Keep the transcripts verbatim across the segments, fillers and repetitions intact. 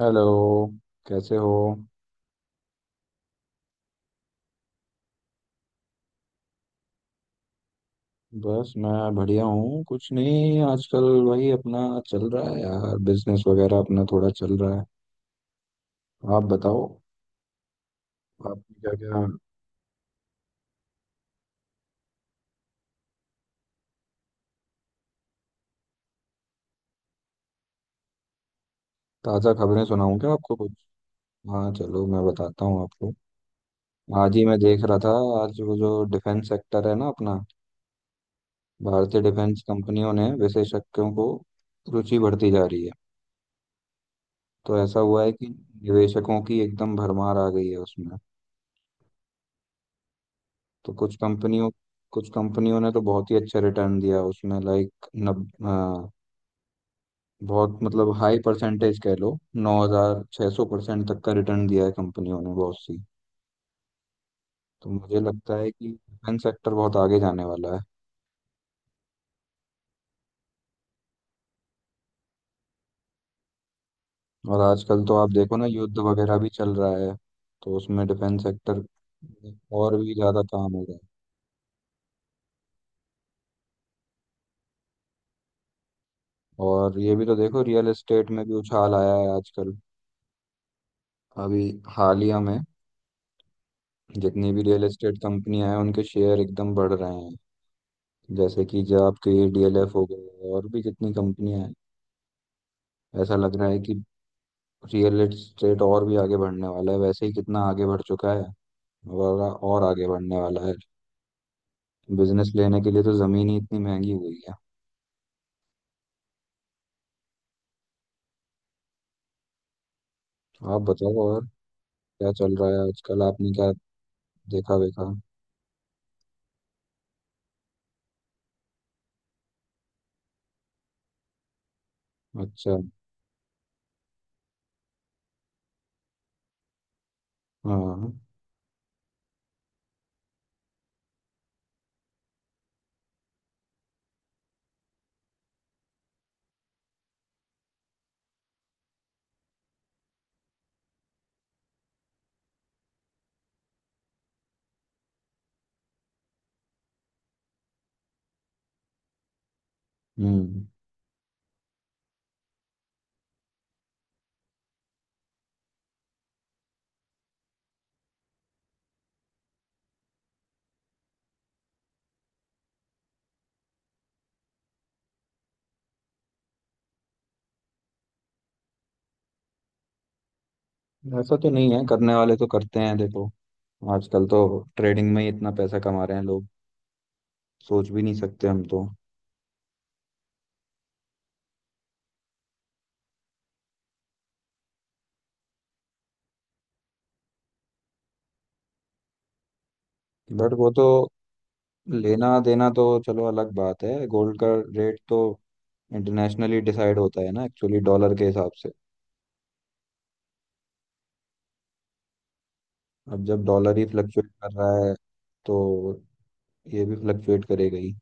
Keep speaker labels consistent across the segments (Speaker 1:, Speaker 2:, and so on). Speaker 1: Hello, कैसे हो? बस मैं बढ़िया हूँ। कुछ नहीं, आजकल वही अपना चल रहा है यार। बिजनेस वगैरह अपना थोड़ा चल रहा है। आप बताओ आपने क्या क्या? ताज़ा खबरें सुनाऊँ क्या आपको कुछ? हाँ चलो मैं बताता हूँ आपको। आज ही मैं देख रहा था, आज वो जो डिफेंस सेक्टर है ना अपना, भारतीय डिफेंस कंपनियों ने विशेषज्ञों को रुचि बढ़ती जा रही है। तो ऐसा हुआ है कि निवेशकों की एकदम भरमार आ गई है उसमें। तो कुछ कंपनियों कुछ कंपनियों ने तो बहुत ही अच्छा रिटर्न दिया उसमें, लाइक नब अ, बहुत मतलब हाई परसेंटेज कह लो, नौ हजार छः सौ परसेंट तक का रिटर्न दिया है कंपनियों ने, बहुत सी। तो मुझे लगता है कि डिफेंस सेक्टर बहुत आगे जाने वाला है। और आजकल तो आप देखो ना, युद्ध वगैरह भी चल रहा है, तो उसमें डिफेंस सेक्टर और भी ज़्यादा काम हो रहा है। और ये भी तो देखो, रियल एस्टेट में भी उछाल आया है आजकल, अभी हालिया में। जितनी भी रियल एस्टेट कंपनियां हैं उनके शेयर एकदम बढ़ रहे हैं, जैसे कि जो आपके डीएलएफ हो गए, और भी कितनी कंपनियां हैं। ऐसा लग रहा है कि रियल एस्टेट और भी आगे बढ़ने वाला है, वैसे ही कितना आगे बढ़ चुका है और और आगे बढ़ने वाला है। बिजनेस लेने के लिए तो जमीन ही इतनी महंगी हुई है। आप बताओ और क्या चल रहा है आजकल, आपने क्या देखा वेखा? अच्छा। हाँ। हम्म ऐसा तो नहीं है, करने वाले तो करते हैं देखो। आजकल तो ट्रेडिंग में ही इतना पैसा कमा रहे हैं लोग, सोच भी नहीं सकते हम तो। बट वो तो लेना देना तो चलो अलग बात है, गोल्ड का रेट तो इंटरनेशनली डिसाइड होता है ना एक्चुअली, डॉलर के हिसाब से। अब जब डॉलर ही फ्लक्चुएट कर रहा है तो ये भी फ्लक्चुएट करेगा ही।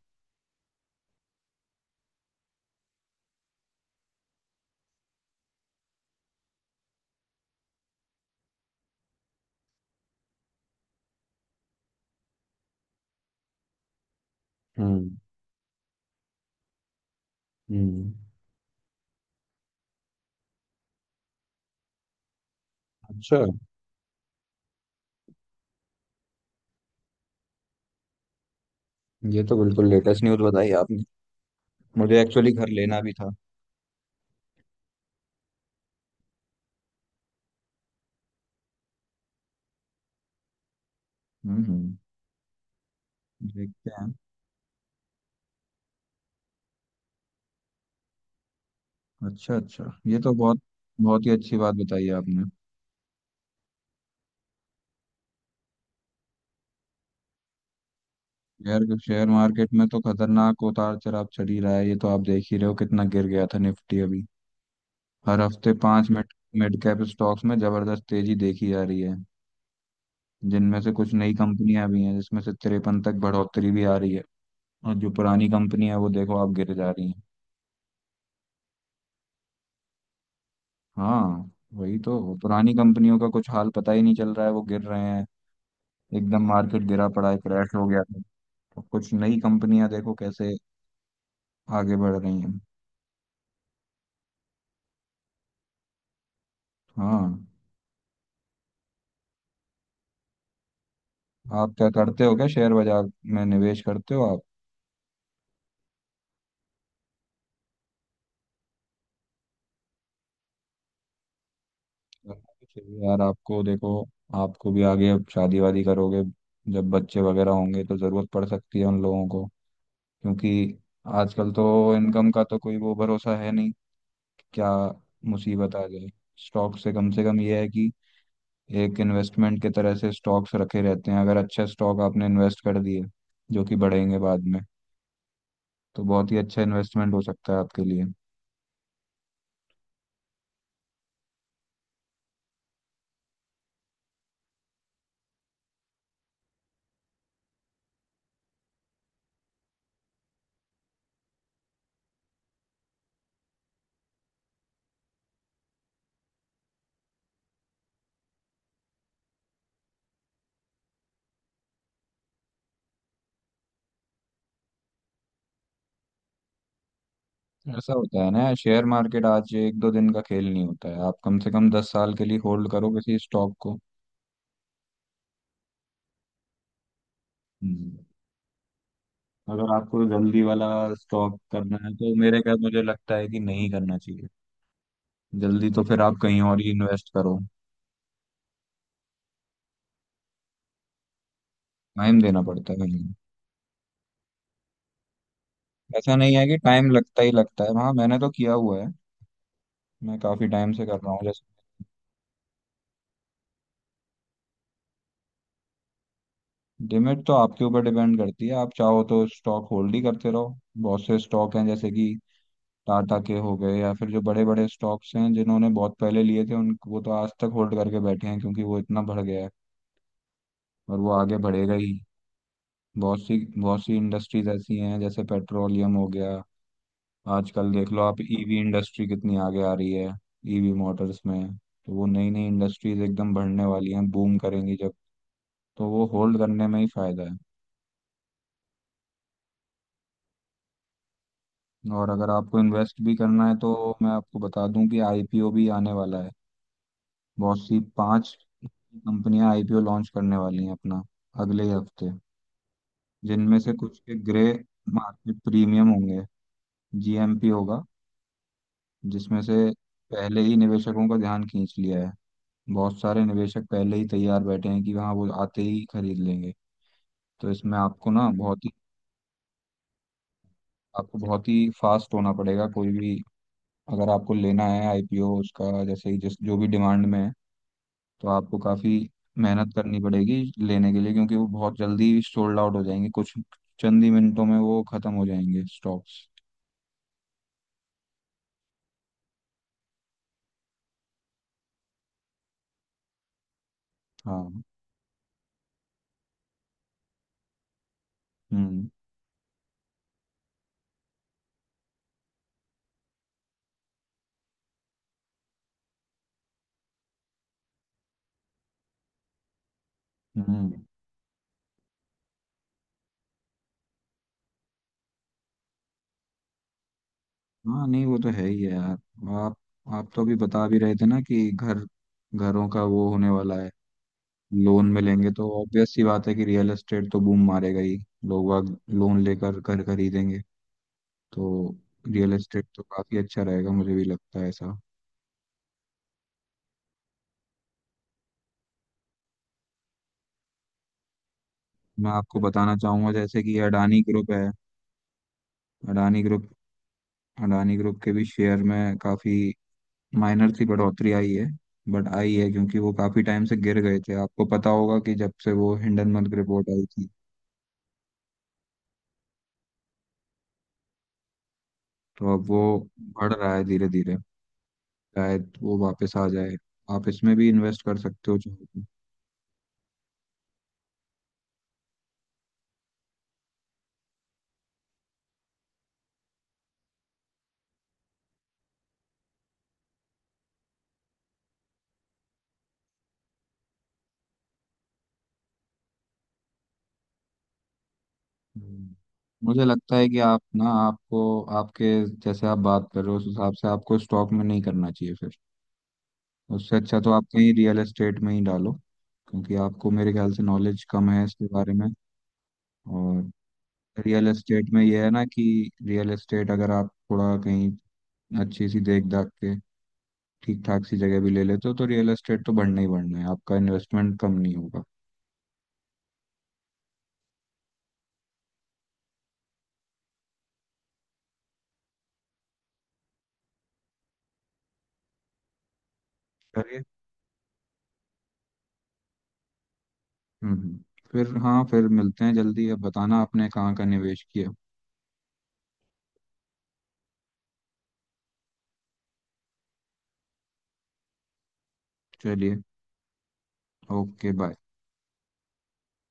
Speaker 1: हम्म हम्म अच्छा, ये तो बिल्कुल लेटेस्ट न्यूज़ बताई आपने। मुझे एक्चुअली घर लेना भी था। हम्म हम्म। देखते हैं। अच्छा अच्छा, ये तो बहुत बहुत ही अच्छी बात बताई है आपने। शेयर शेयर मार्केट में तो खतरनाक उतार चढ़ाव चढ़ ही रहा है, ये तो आप देख ही रहे हो, कितना गिर गया था निफ्टी अभी। हर हफ्ते पांच मिड मिड कैप स्टॉक्स में जबरदस्त तेजी देखी जा रही है, जिनमें से कुछ नई कंपनियां भी हैं, जिसमें से तिरपन तक बढ़ोतरी भी आ रही है। और जो पुरानी कंपनी है वो देखो आप गिर जा रही हैं। हाँ, वही तो पुरानी कंपनियों का कुछ हाल पता ही नहीं चल रहा है, वो गिर रहे हैं। एकदम मार्केट गिरा पड़ा है, क्रैश हो गया है। तो कुछ नई कंपनियां देखो कैसे आगे बढ़ रही हैं। हाँ। आप क्या करते हो, क्या शेयर बाजार में निवेश करते हो आप? चाहिए यार आपको देखो, आपको भी आगे, अब शादी वादी करोगे, जब बच्चे वगैरह होंगे तो ज़रूरत पड़ सकती है उन लोगों को। क्योंकि आजकल तो इनकम का तो कोई वो भरोसा है नहीं कि क्या मुसीबत आ जाए। स्टॉक से कम से कम ये है कि एक इन्वेस्टमेंट की तरह से स्टॉक्स रखे रहते हैं। अगर अच्छे स्टॉक आपने इन्वेस्ट कर दिए जो कि बढ़ेंगे बाद में, तो बहुत ही अच्छा इन्वेस्टमेंट हो सकता है आपके लिए। ऐसा होता है ना, शेयर मार्केट आज एक दो दिन का खेल नहीं होता है। आप कम से कम दस साल के लिए होल्ड करो किसी स्टॉक को। हम्म। अगर आपको जल्दी वाला स्टॉक करना है तो मेरे ख्याल मुझे लगता है कि नहीं करना चाहिए। जल्दी तो फिर आप कहीं और ही इन्वेस्ट करो, टाइम देना पड़ता है कहीं। ऐसा नहीं है कि टाइम लगता ही लगता है। हाँ, मैंने तो किया हुआ है, मैं काफी टाइम से कर रहा हूँ जैसे। लिमिट तो आपके ऊपर डिपेंड करती है। आप चाहो तो स्टॉक होल्ड ही करते रहो। बहुत से स्टॉक हैं जैसे कि टाटा के हो गए, या फिर जो बड़े बड़े स्टॉक्स हैं जिन्होंने बहुत पहले लिए थे उनको, वो तो आज तक होल्ड करके बैठे हैं क्योंकि वो इतना बढ़ गया है और वो आगे बढ़ेगा ही। बहुत सी बहुत सी इंडस्ट्रीज ऐसी हैं, जैसे पेट्रोलियम हो गया, आजकल देख लो आप ईवी इंडस्ट्री कितनी आगे आ रही है। ईवी मोटर्स में तो वो नई नई इंडस्ट्रीज एकदम बढ़ने वाली हैं, बूम करेंगी जब, तो वो होल्ड करने में ही फायदा है। और अगर आपको इन्वेस्ट भी करना है तो मैं आपको बता दूं कि आईपीओ भी आने वाला है। बहुत सी पांच कंपनियां आईपीओ लॉन्च करने वाली हैं अपना, अगले ही हफ्ते। जिनमें से कुछ के ग्रे मार्केट प्रीमियम होंगे, जीएमपी होगा। जिसमें से पहले ही निवेशकों का ध्यान खींच लिया है, बहुत सारे निवेशक पहले ही तैयार बैठे हैं कि हाँ वो आते ही खरीद लेंगे। तो इसमें आपको ना बहुत ही आपको बहुत ही फास्ट होना पड़ेगा। कोई भी अगर आपको लेना है आईपीओ उसका, जैसे ही जिस, जो भी डिमांड में है, तो आपको काफ़ी मेहनत करनी पड़ेगी लेने के लिए, क्योंकि वो बहुत जल्दी सोल्ड आउट हो जाएंगे। कुछ चंद ही मिनटों में वो खत्म हो जाएंगे स्टॉक्स। हाँ। हम्म हम्म। हाँ नहीं, वो तो है ही है यार। आप आप तो अभी बता भी रहे थे ना कि घर घरों का वो होने वाला है, लोन मिलेंगे, तो ऑब्वियस सी बात है कि रियल एस्टेट तो बूम मारेगा ही। लोग बाग लोन लेकर घर खरीदेंगे, तो रियल एस्टेट तो काफी अच्छा रहेगा, मुझे भी लगता है ऐसा। मैं आपको बताना चाहूंगा, जैसे कि अडानी ग्रुप है। अडानी ग्रुप अडानी ग्रुप के भी शेयर में काफी माइनर सी बढ़ोतरी आई है। बट आई है, क्योंकि वो काफी टाइम से गिर गए थे। आपको पता होगा कि जब से वो हिंडनबर्ग रिपोर्ट आई थी, तो अब वो बढ़ रहा है धीरे धीरे, शायद वो वापस आ जाए। आप इसमें भी इन्वेस्ट कर सकते हो चाहो तो। हम्म। मुझे लगता है कि आप ना आपको आपके जैसे आप बात कर रहे हो उस हिसाब से आपको स्टॉक में नहीं करना चाहिए फिर। उससे अच्छा तो आप कहीं रियल एस्टेट में ही डालो, क्योंकि आपको मेरे ख्याल से नॉलेज कम है इसके बारे में। और रियल एस्टेट में यह है ना कि रियल एस्टेट अगर आप थोड़ा कहीं अच्छी सी देख दाख के ठीक ठाक सी जगह भी ले लेते हो, तो रियल एस्टेट तो बढ़ना ही बढ़ना है, आपका इन्वेस्टमेंट कम नहीं होगा। करिए। हम्म हम्म। फिर हाँ, फिर मिलते हैं जल्दी। अब बताना आपने कहाँ का निवेश किया। चलिए, ओके बाय।